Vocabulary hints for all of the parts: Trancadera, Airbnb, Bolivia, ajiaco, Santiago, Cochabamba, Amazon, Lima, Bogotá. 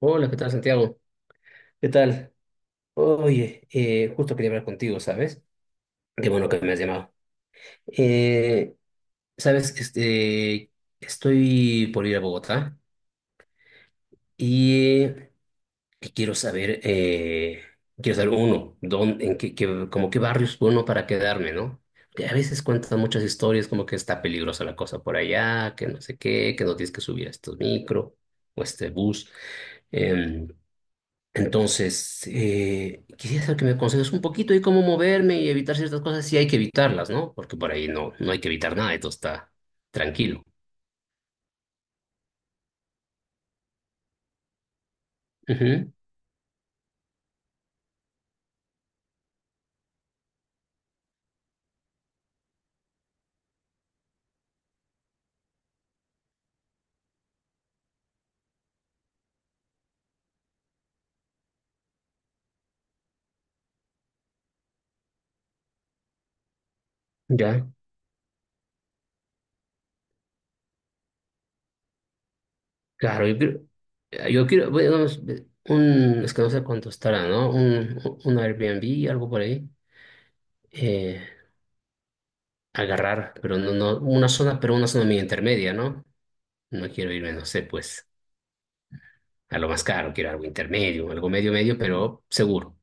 Hola, ¿qué tal, Santiago? ¿Qué tal? Oye, justo quería hablar contigo, ¿sabes? Qué bueno que me has llamado. Eh, sabes, estoy por ir a Bogotá y, eh, y quiero saber uno, dónde, como qué barrios uno para quedarme, ¿no? Que a veces cuentan muchas historias como que está peligrosa la cosa por allá, que no sé qué, que no tienes que subir a estos micro o este bus. Em, Entonces, quisiera saber que me aconsejes un poquito de cómo moverme y evitar ciertas cosas si hay que evitarlas, ¿no? Porque por ahí no, no hay que evitar nada, esto está tranquilo. Ujú. Ya, claro, yo quiero, bueno, es que no sé cuánto estará, ¿no? Un Airbnb, algo por ahí. Eh, agarrar, pero no, no, una zona, pero una zona medio intermedia, ¿no? No quiero irme, no sé, pues, a lo más caro, quiero algo intermedio, algo medio medio, pero seguro.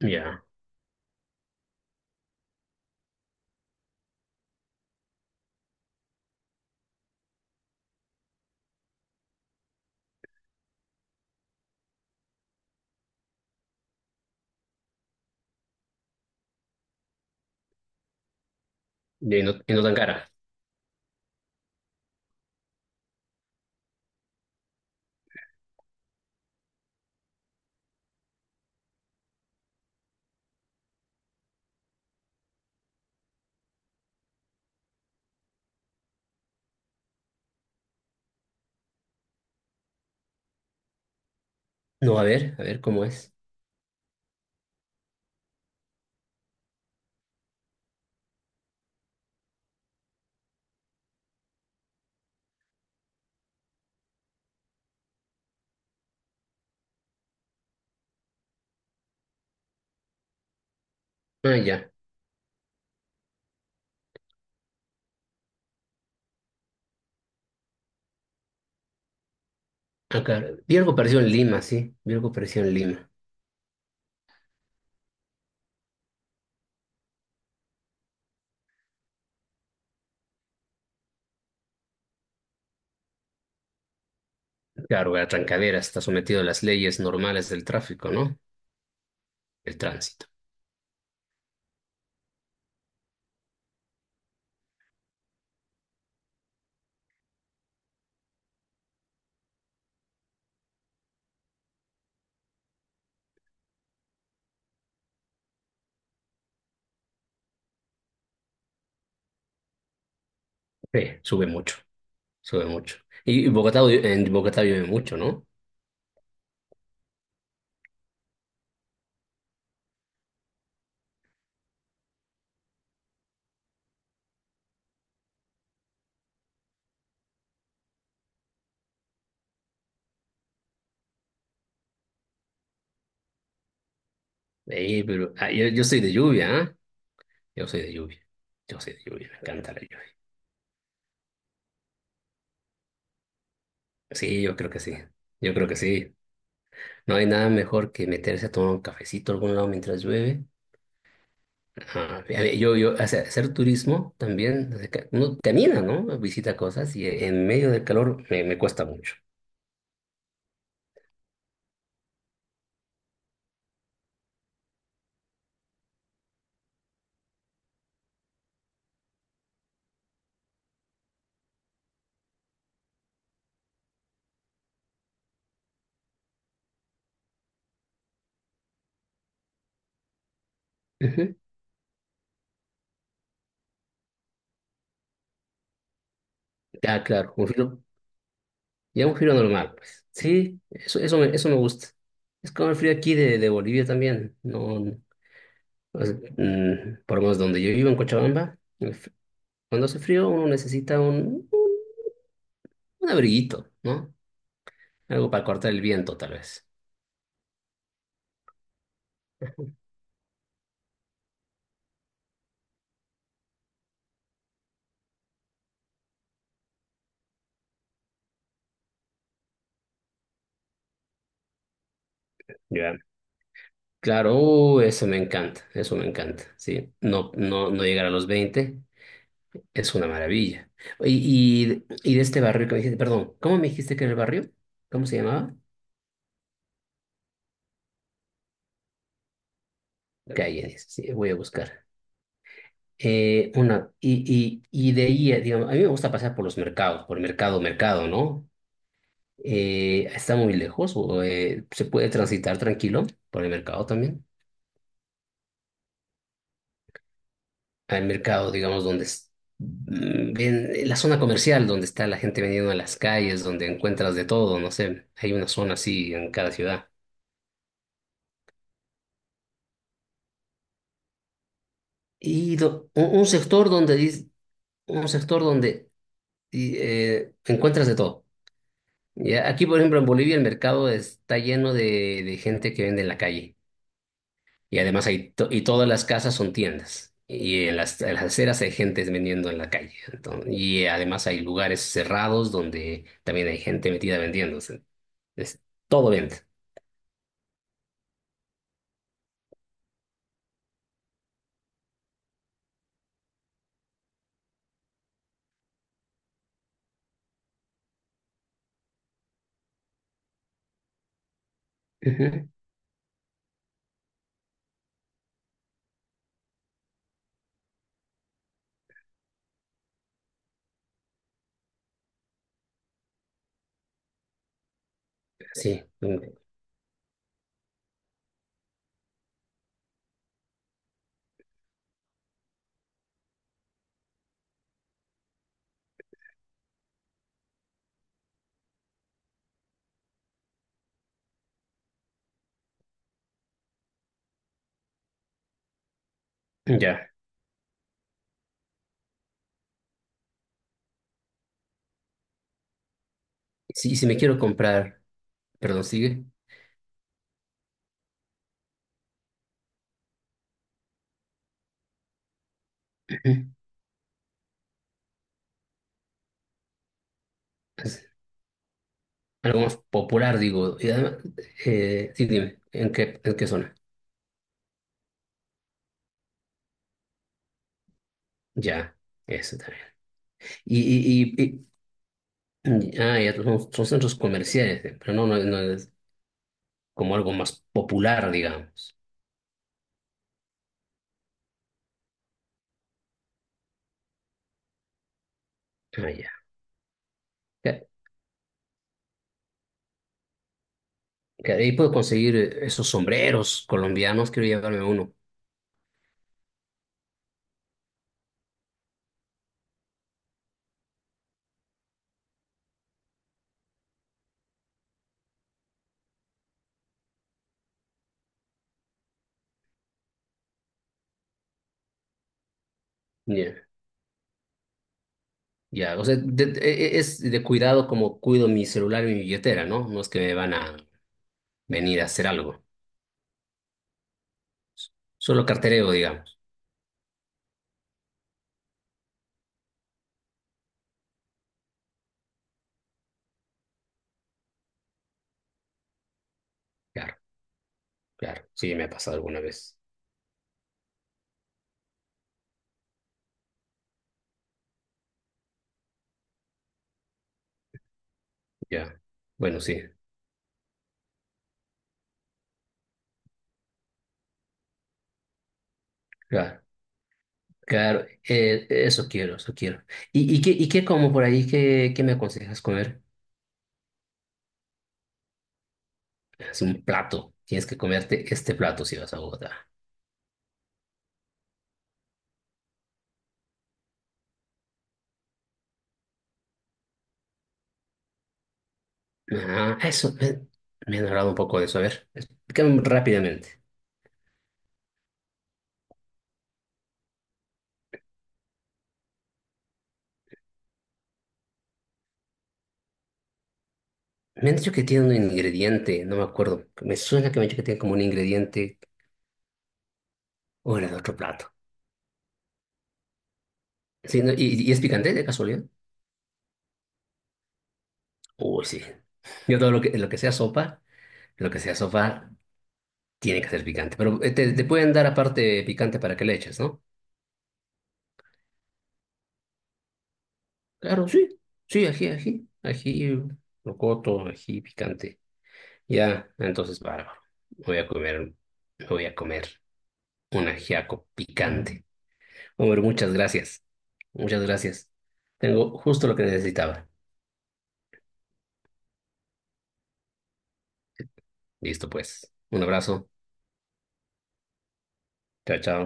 Ya, y no tan cara. No, a ver cómo es. Ah, ya. Acá. Vi algo parecido en Lima, sí. Vi algo parecido en Lima. Claro, la Trancadera está sometido a las leyes normales del tráfico, ¿no? El tránsito. Sí, sube mucho, sube mucho. Y Bogotá, en Bogotá llueve mucho, ¿no? Pero yo soy de lluvia, ¿ah? Yo soy de lluvia. Yo soy de lluvia, me encanta la lluvia. Sí, yo creo que sí. Yo creo que sí. No hay nada mejor que meterse a tomar un cafecito a algún lado mientras llueve. Ajá. A ver, yo, hacer turismo también, desde que uno camina, ¿no? Visita cosas y en medio del calor me cuesta mucho. Ujú. Ah, claro, un filo, ya un filo normal, pues. Sí, eso me gusta. Es como el frío aquí de Bolivia también. No, no, o sea, por lo menos donde yo vivo en Cochabamba, cuando hace frío uno necesita un abriguito, ¿no? Algo para cortar el viento, tal vez. Claro, eso me encanta, sí. No, no, no llegar a los 20 es una maravilla. Y de este barrio que me dijiste, perdón, ¿cómo me dijiste que era el barrio? ¿Cómo se llamaba? Calles, sí, voy a buscar. Y de ahí, digamos, a mí me gusta pasar por los mercados, por mercado, mercado, ¿no? ¿Está muy lejos o se puede transitar tranquilo por el mercado también? Al mercado, digamos, donde la zona comercial, donde está la gente vendiendo en las calles, donde encuentras de todo, no sé, hay una zona así en cada ciudad. Y un sector donde encuentras de todo. Ya, aquí, por ejemplo, en Bolivia el mercado está lleno de gente que vende en la calle. Y además hay, y todas las casas son tiendas. Y en las aceras hay gente vendiendo en la calle. Entonces, y además hay lugares cerrados donde también hay gente metida vendiendo. Es todo venta. Ujú. Sí. Mm. Ya. Sí, y si me quiero comprar, perdón, sigue. Ujú. Es algo más popular, digo. Y además, sí, dime, ¿en qué zona? Ya, eso también. Y, y, y, ah, ya son centros comerciales, pero no, no, no es como algo más popular, digamos. Ah, ya. Que, que ahí puedo conseguir esos sombreros colombianos, quiero llevarme uno. Ya. Ya, o sea, es de cuidado como cuido mi celular y mi billetera, ¿no? No es que me van a venir a hacer algo. Solo cartereo, digamos. Claro, claro. Sí, me ha pasado alguna vez. Ya. Bueno, sí. Claro, claro. Eso quiero, eso quiero. ¿Y qué como por ahí? ¿Qué me aconsejas comer? Es un plato. Tienes que comerte este plato si vas a Bogotá. Ah, eso. Me han hablado un poco de eso. A ver, explícame rápidamente. Me han dicho que tiene un ingrediente, no me acuerdo. Me suena que me han dicho que tiene como un ingrediente o era de otro plato. Sí, ¿no? ¿Y es picante de casualidad? Uy, sí. Yo todo lo que sea sopa, lo que sea sopa, tiene que ser picante. Pero te pueden dar aparte picante para que le eches, ¿no? Claro, sí. Sí, ají, ají. Ají, rocoto, ají picante. Ya, entonces, bárbaro. Voy a comer, voy a comer un ajiaco picante. Hombre, muchas gracias. Muchas gracias. Tengo justo lo que necesitaba. Listo, pues. Un abrazo. Chao, chao.